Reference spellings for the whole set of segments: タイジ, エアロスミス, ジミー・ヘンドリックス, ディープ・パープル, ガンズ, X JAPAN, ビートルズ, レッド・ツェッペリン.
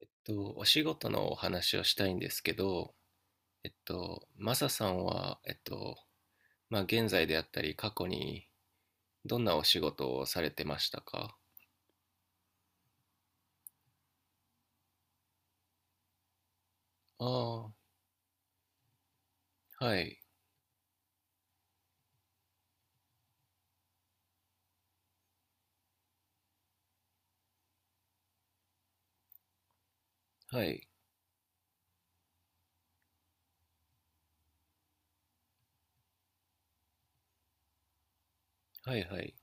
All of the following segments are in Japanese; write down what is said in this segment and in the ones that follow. お仕事のお話をしたいんですけど、マサさんは、まあ、現在であったり、過去にどんなお仕事をされてましたか？ああ、はい、はい、はい、はい、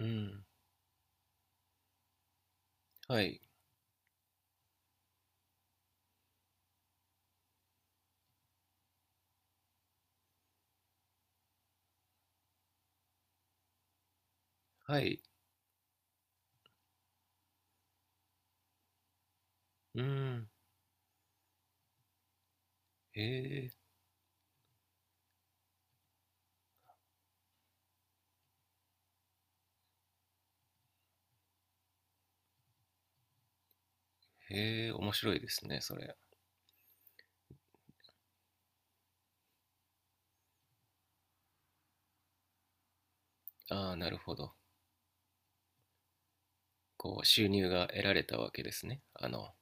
うん、はい、はい、うん、へえ、へえ、面白いですね、それ。ああ、なるほど。こう、収入が得られたわけですね。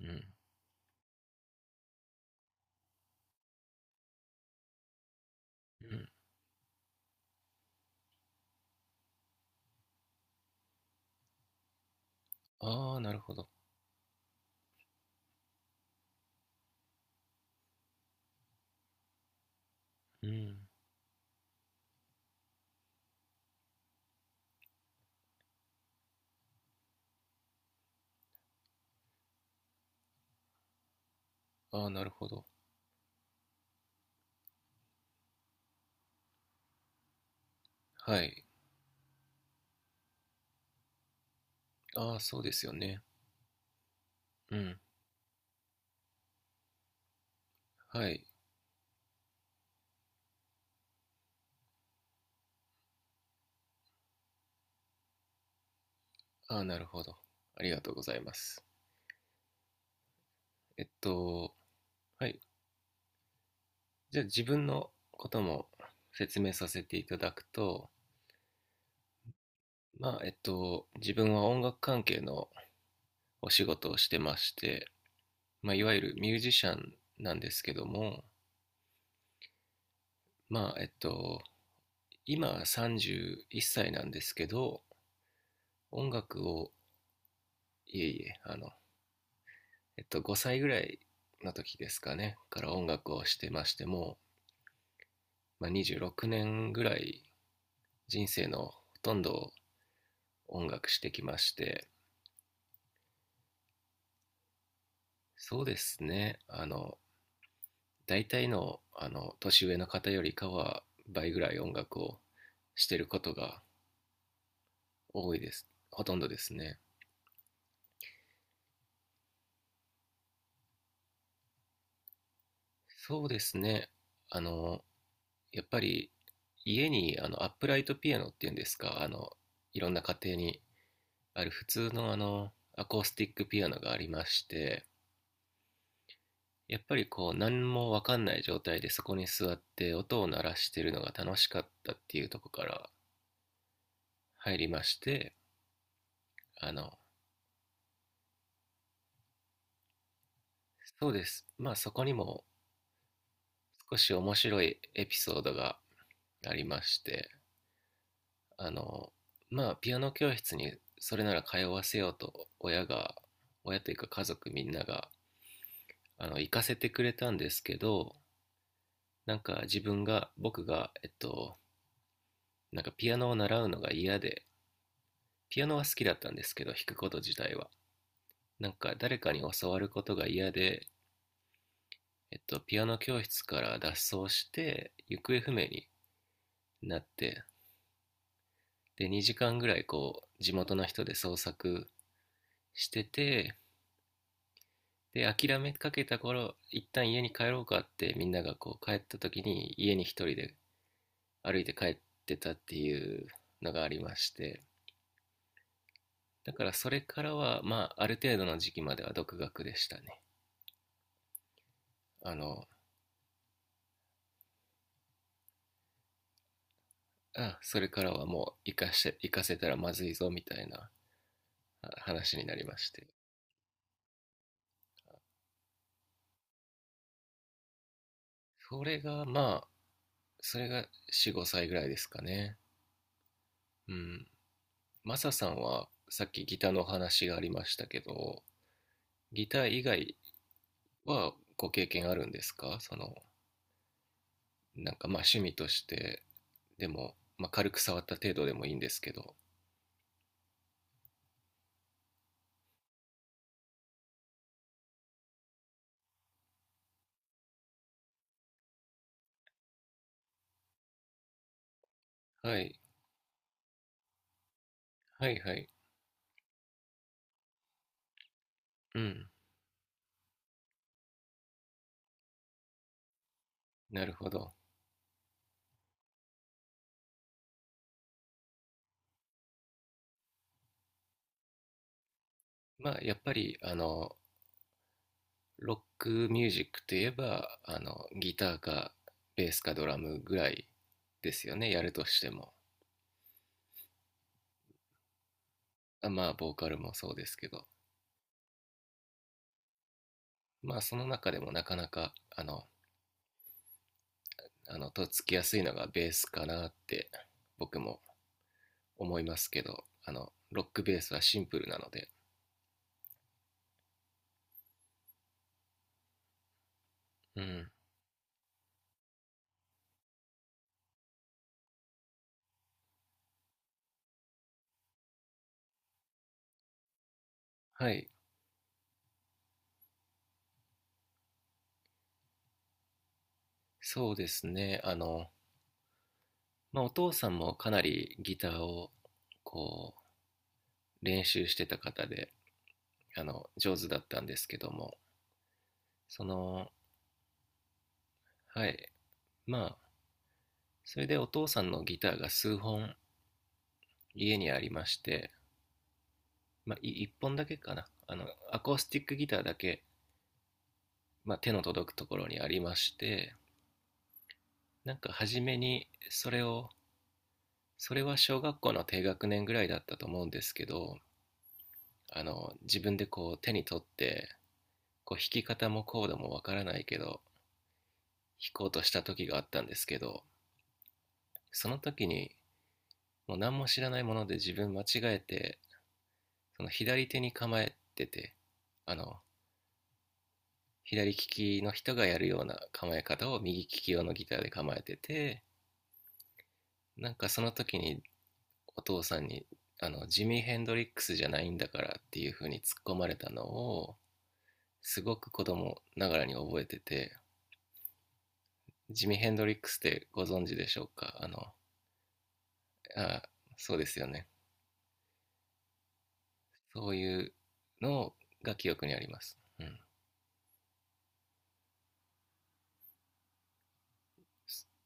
うん、うん、ああ、なるほど。うん、ああ、なるほど。はい、ああ、そうですよね。うん、はい。ああ、なるほど。ありがとうございます。えっと、はい。じゃあ自分のことも説明させていただくと、まあ、自分は音楽関係のお仕事をしてまして、まあ、いわゆるミュージシャンなんですけども、まあ、今31歳なんですけど、音楽を、いえいえ、5歳ぐらいの時ですかね、から音楽をしてましても、まあ、26年ぐらい人生のほとんどを音楽してきまして、そうですね、大体の、年上の方よりかは倍ぐらい音楽をしてることが多いです。ほとんどですね。そうですね、あの、やっぱり家にアップライトピアノっていうんですか、いろんな家庭にある普通のアコースティックピアノがありまして、やっぱりこう何も分かんない状態でそこに座って音を鳴らしてるのが楽しかったっていうところから入りまして、あの、そうです。まあそこにも少し面白いエピソードがありまして、あの、まあピアノ教室にそれなら通わせようと親が、親というか家族みんなが、行かせてくれたんですけど、なんか自分が、僕が、なんかピアノを習うのが嫌で、ピアノは好きだったんですけど、弾くこと自体は。なんか誰かに教わることが嫌で、ピアノ教室から脱走して行方不明になって、で2時間ぐらいこう地元の人で捜索してて、で諦めかけた頃一旦家に帰ろうかってみんながこう帰った時に家に一人で歩いて帰ってたっていうのがありまして。だからそれからはまあある程度の時期までは独学でしたね。あのそれからはもう行かせたらまずいぞみたいな話になりまして。それがまあそれが45歳ぐらいですかね。うん。マサさんはさっきギターのお話がありましたけど、ギター以外はご経験あるんですか？その、なんかまあ趣味として、でも、まあ軽く触った程度でもいいんですけど。はい、はいはい。うん、なるほど。まあやっぱり、ロックミュージックといえば、ギターかベースかドラムぐらいですよね、やるとしても。まあボーカルもそうですけど。まあその中でもなかなか、とっつきやすいのがベースかなって僕も思いますけど、ロックベースはシンプルなので。うん。はい。そうですね、まあ、お父さんもかなりギターをこう練習してた方で、上手だったんですけども。そのはい。まあそれでお父さんのギターが数本家にありまして、まあ、1本だけかな、アコースティックギターだけ、まあ、手の届くところにありまして。なんか初めにそれを、それは小学校の低学年ぐらいだったと思うんですけど、自分でこう手に取って、こう弾き方もコードもわからないけど弾こうとした時があったんですけど。その時にもう何も知らないもので自分間違えて、その左手に構えてて、あの左利きの人がやるような構え方を右利き用のギターで構えてて、なんかその時にお父さんにジミー・ヘンドリックスじゃないんだからっていう風に突っ込まれたのをすごく子供ながらに覚えてて。ジミー・ヘンドリックスってご存知でしょうか？あそうですよね、そういうのが記憶にあります、うん、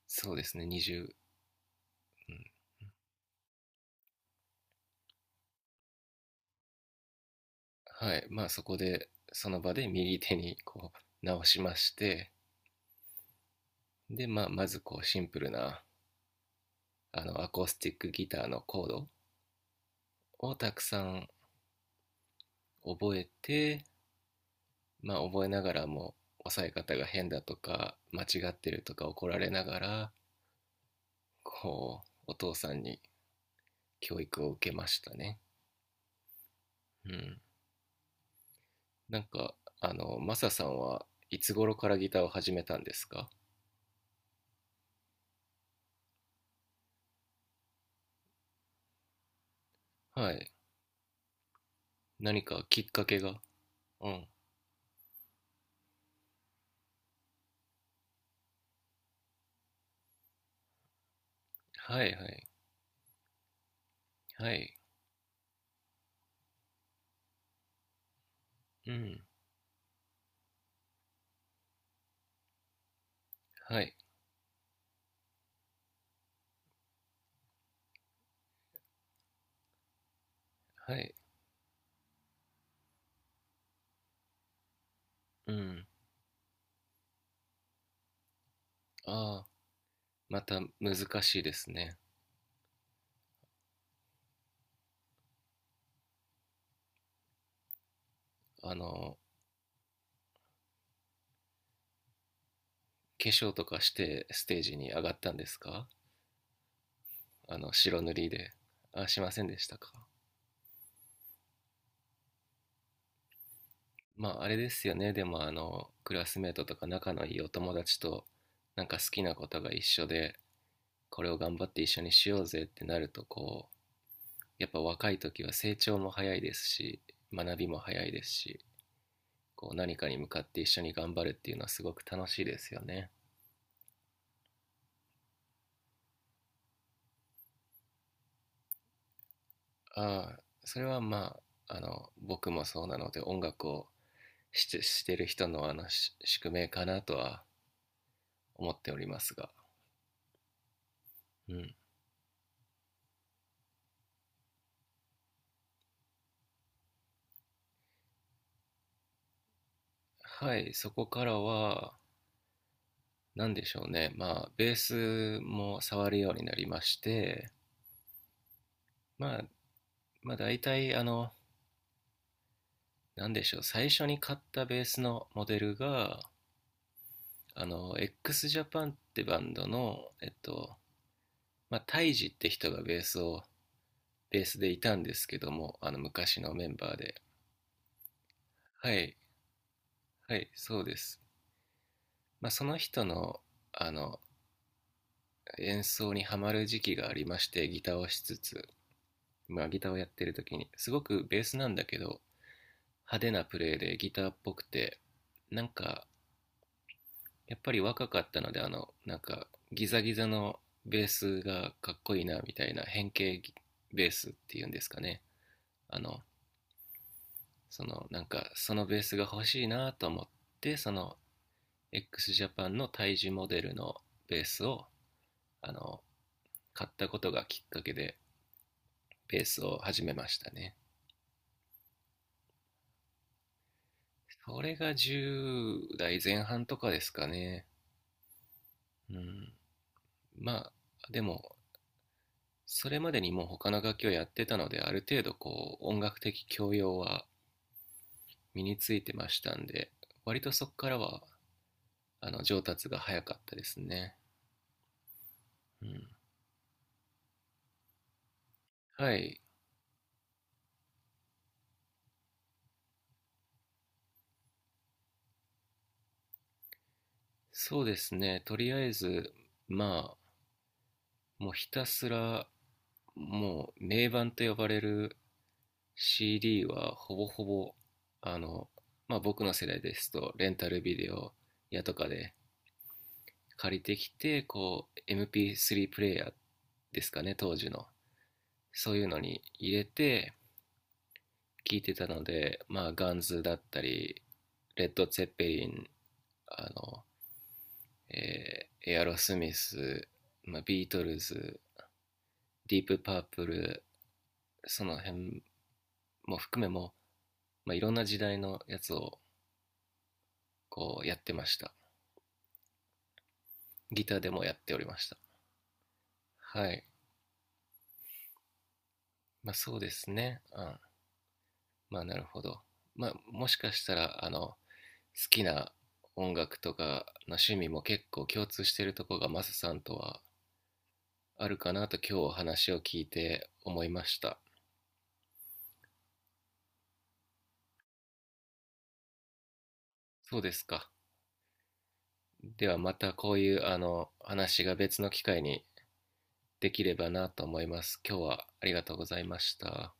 そうですね20、うん、はい。まあそこでその場で右手にこう直しまして。で、まあ、まずこうシンプルなアコースティックギターのコードをたくさん覚えて、まあ覚えながらも抑え方が変だとか間違ってるとか怒られながら、こうお父さんに教育を受けましたね。うん。なんかマサさんはいつ頃からギターを始めたんですか？はい。何かきっかけが。うん。はいはいはい。うん。はいはい。うん。ああ、また難しいですね。あの化粧とかしてステージに上がったんですか？白塗りで。しませんでしたか？まああれですよね、でもクラスメートとか仲のいいお友達となんか好きなことが一緒で、これを頑張って一緒にしようぜってなると、こうやっぱ若い時は成長も早いですし、学びも早いですし、こう何かに向かって一緒に頑張るっていうのはすごく楽しいですよね。ああそれはまあ僕もそうなので、音楽をしてる人の宿命かなとは思っておりますが、うん、はい、そこからはなんでしょうね。まあ、ベースも触るようになりまして、まあ、まあ、大体、なんでしょう、最初に買ったベースのモデルが、あの、XJAPAN ってバンドの、まあ、タイジって人がベースを、ベースでいたんですけども、昔のメンバーで。はい、はい、そうです。まあ、その人の、あの、演奏にハマる時期がありまして、ギターをしつつ、まあ、ギターをやってる時に、すごくベースなんだけど、派手なプレーでギターっぽくて、なんか、やっぱり若かったので、ギザギザのベースがかっこいいな、みたいな変形ベースっていうんですかね。あの、そのベースが欲しいなと思って、その、x ジャパンの胎児モデルのベースを、あの、買ったことがきっかけで、ベースを始めましたね。それが10代前半とかですかね。うん。まあ、でも、それまでにもう他の楽器をやってたので、ある程度こう音楽的教養は身についてましたんで、割とそこからは上達が早かったですね。うん、はい、そうですね。とりあえず、まあ、もうひたすら、もう名盤と呼ばれる CD はほぼほぼ、あの、まあ僕の世代ですと、レンタルビデオやとかで借りてきて、こう、MP3 プレイヤーですかね、当時の。そういうのに入れて聴いてたので、まあ、ガンズだったり、レッド・ツェッペリン、あの、エアロスミス、まあ、ビートルズ、ディープ・パープル、その辺も含めも、まあ、いろんな時代のやつをこうやってました。ギターでもやっておりました。はい。まあそうですね。うん。まあ、なるほど。まあ、もしかしたら、好きな音楽とかの趣味も結構共通しているところがマサさんとはあるかなと今日お話を聞いて思いました。そうですか。ではまたこういうあの話が別の機会にできればなと思います。今日はありがとうございました。